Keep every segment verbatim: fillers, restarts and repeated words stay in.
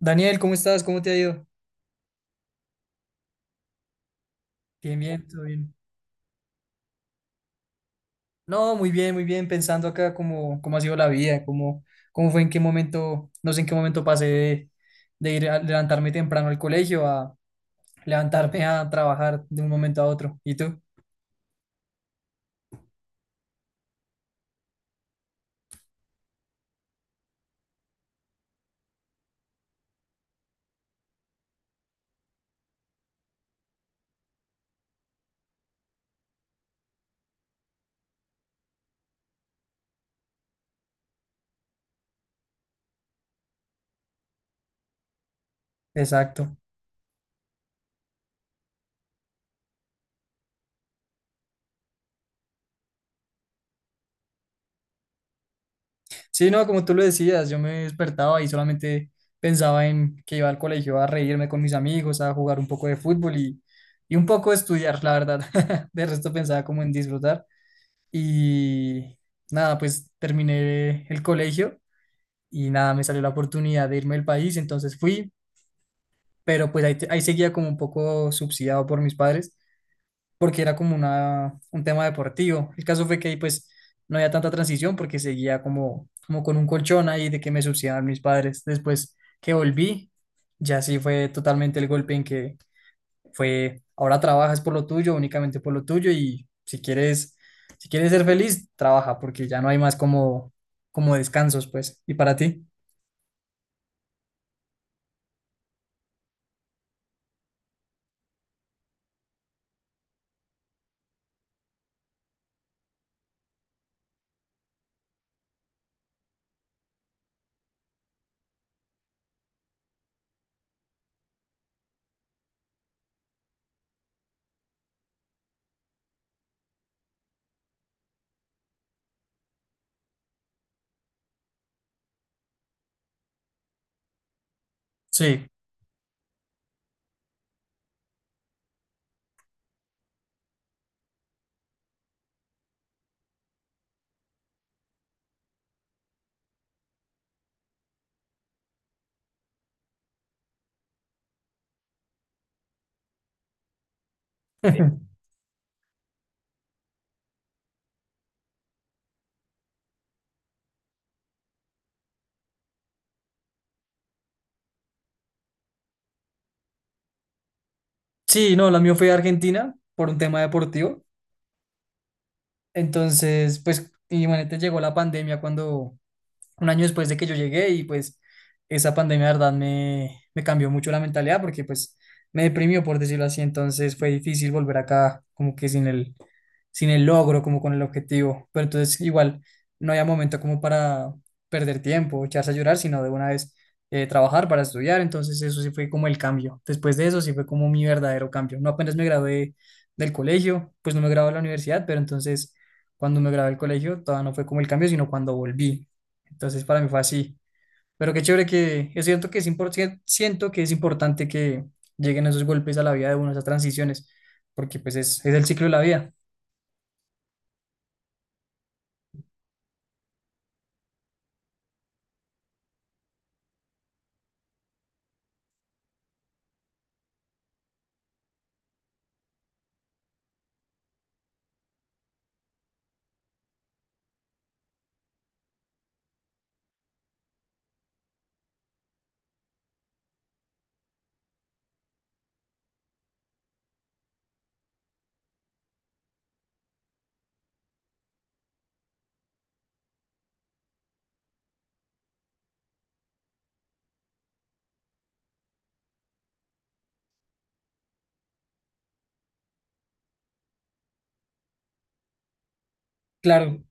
Daniel, ¿cómo estás? ¿Cómo te ha ido? Bien, bien, todo bien. No, muy bien, muy bien, pensando acá cómo, cómo ha sido la vida, cómo, cómo fue, en qué momento, no sé en qué momento pasé de, de ir a levantarme temprano al colegio a levantarme a trabajar de un momento a otro. ¿Y tú? Exacto. Sí, no, como tú lo decías, yo me despertaba y solamente pensaba en que iba al colegio a reírme con mis amigos, a jugar un poco de fútbol y, y un poco estudiar, la verdad. De resto pensaba como en disfrutar. Y nada, pues terminé el colegio y nada, me salió la oportunidad de irme del país, entonces fui, pero pues ahí, te- ahí seguía como un poco subsidiado por mis padres, porque era como una, un tema deportivo. El caso fue que ahí pues no había tanta transición porque seguía como, como con un colchón ahí de que me subsidiaban mis padres. Después que volví, ya sí fue totalmente el golpe en que fue, ahora trabajas por lo tuyo, únicamente por lo tuyo y si quieres, si quieres ser feliz, trabaja porque ya no hay más como, como descansos, pues. ¿Y para ti? Sí. Sí, no, la mía fue a Argentina por un tema deportivo. Entonces, pues, imagínate, llegó la pandemia cuando un año después de que yo llegué y pues esa pandemia, de verdad, me, me cambió mucho la mentalidad porque pues me deprimió, por decirlo así, entonces fue difícil volver acá como que sin el, sin el logro, como con el objetivo, pero entonces igual no había momento como para perder tiempo, echarse a llorar, sino de una vez eh, trabajar para estudiar, entonces eso sí fue como el cambio, después de eso sí fue como mi verdadero cambio, no apenas me gradué del colegio, pues no me gradué de la universidad, pero entonces cuando me gradué del colegio todavía no fue como el cambio, sino cuando volví. Entonces para mí fue así. Pero qué chévere que es cierto que es importante, siento que es importante que lleguen esos golpes a la vida de uno, esas transiciones, porque pues es, es el ciclo de la vida. Claro.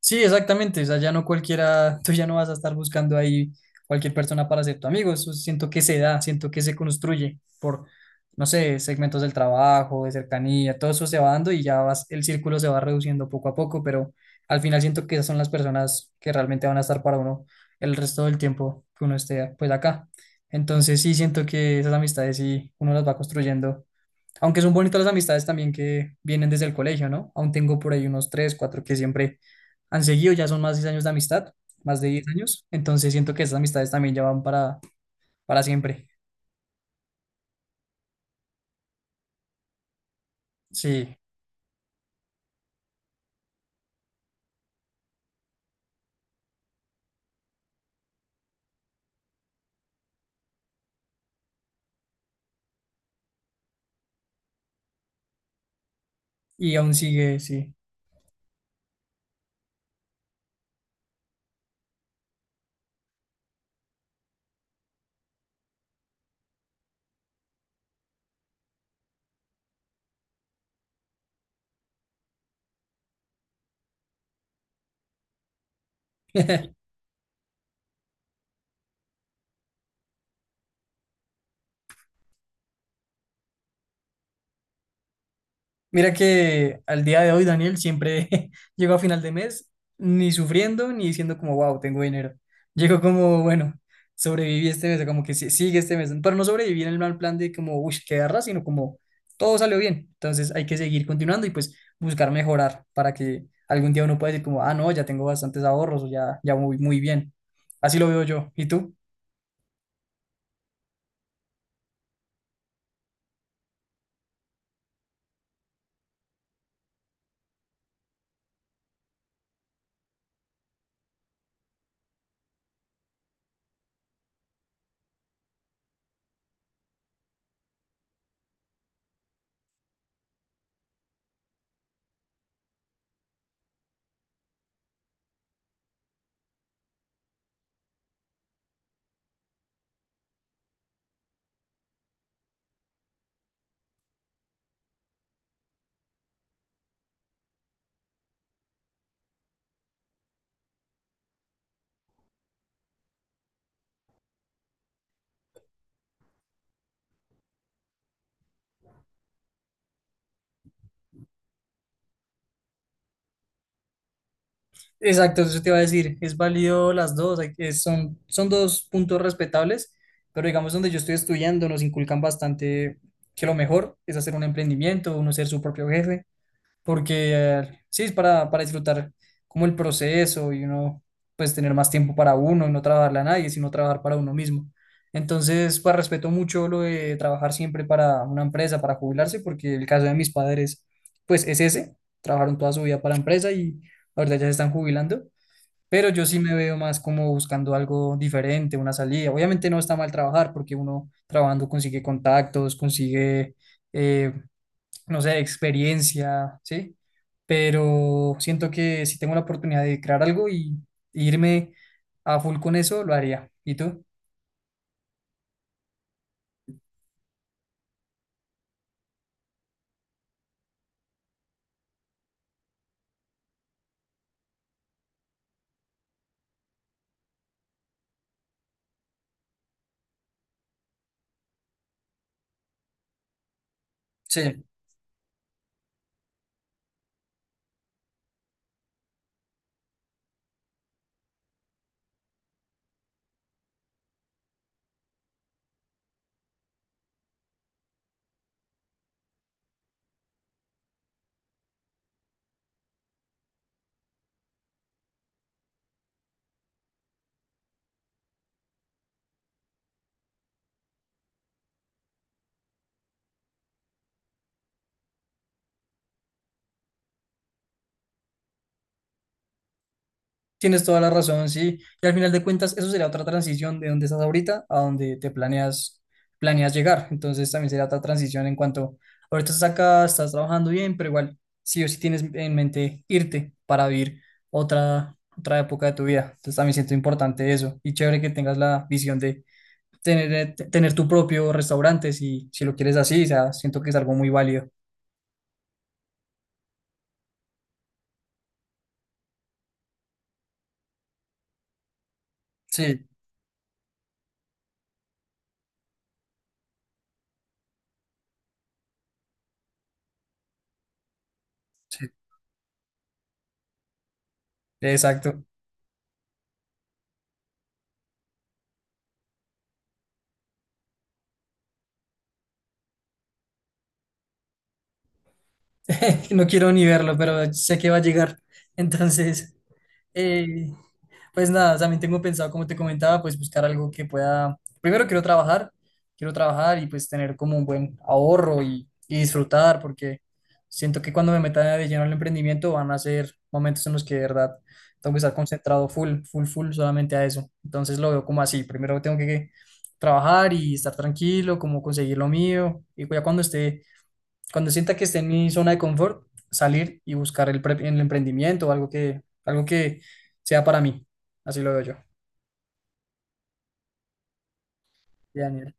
Sí, exactamente. O sea, ya no cualquiera, tú ya no vas a estar buscando ahí cualquier persona para ser tu amigo. Eso siento que se da, siento que se construye por, no sé, segmentos del trabajo, de cercanía, todo eso se va dando y ya vas, el círculo se va reduciendo poco a poco, pero al final siento que esas son las personas que realmente van a estar para uno el resto del tiempo que uno esté pues acá. Entonces sí siento que esas amistades sí uno las va construyendo aunque son bonitas las amistades también que vienen desde el colegio, ¿no? Aún tengo por ahí unos tres, cuatro que siempre han seguido, ya son más de diez años de amistad, más de diez años, entonces siento que esas amistades también ya van para, para, siempre. Sí, y aún sigue, sí. Mira que al día de hoy, Daniel, siempre llego a final de mes ni sufriendo ni diciendo como, wow, tengo dinero. Llego como, bueno, sobreviví este mes, o como que sí- sigue este mes. Pero no sobreviví en el mal plan de como, uy, qué garra, sino como todo salió bien. Entonces hay que seguir continuando y pues buscar mejorar para que algún día uno pueda decir como, ah, no, ya tengo bastantes ahorros o ya, ya voy muy bien. Así lo veo yo. ¿Y tú? Exacto, eso te iba a decir. Es válido las dos. hay que- son, son dos puntos respetables, pero digamos donde yo estoy estudiando nos inculcan bastante que lo mejor es hacer un emprendimiento, uno ser su propio jefe porque eh, sí, es para, para disfrutar como el proceso y uno, pues tener más tiempo para uno y no trabajarle a nadie, sino trabajar para uno mismo. Entonces, pues respeto mucho lo de trabajar siempre para una empresa, para jubilarse, porque el caso de mis padres, pues es ese, trabajaron toda su vida para la empresa y ahorita ya se están jubilando. Pero yo sí me veo más como buscando algo diferente, una salida. Obviamente no está mal trabajar porque uno trabajando consigue contactos, consigue eh, no sé, experiencia, ¿sí? Pero siento que si tengo la oportunidad de crear algo y y irme a full con eso, lo haría. ¿Y tú? Sí. Tienes toda la razón, sí. Y al final de cuentas, eso sería otra transición de donde estás ahorita a donde te planeas, planeas llegar. Entonces también sería otra transición en cuanto ahorita estás acá, estás trabajando bien, pero igual sí o sí tienes en mente irte para vivir otra, otra época de tu vida. Entonces también siento importante eso. Y chévere que tengas la visión de tener, eh, te- tener tu propio restaurante si, si lo quieres así, o sea, siento que es algo muy válido. Sí, sí, exacto. No quiero ni verlo, pero sé que va a llegar. Entonces, Eh, pues nada, también tengo pensado, como te comentaba, pues buscar algo que pueda, primero quiero trabajar, quiero trabajar y pues tener como un buen ahorro y, y disfrutar, porque siento que cuando me meta de lleno al emprendimiento van a ser momentos en los que de verdad tengo que estar concentrado full, full, full solamente a eso. Entonces lo veo como así, primero tengo que trabajar y estar tranquilo, como conseguir lo mío, y ya cuando esté cuando sienta que esté en mi zona de confort, salir y buscar el, pre- el emprendimiento o algo que, algo que sea para mí. Así lo veo yo. Daniel.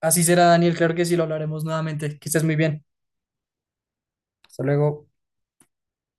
Así será, Daniel. Claro que sí, lo hablaremos nuevamente. Que estés muy bien. Hasta luego.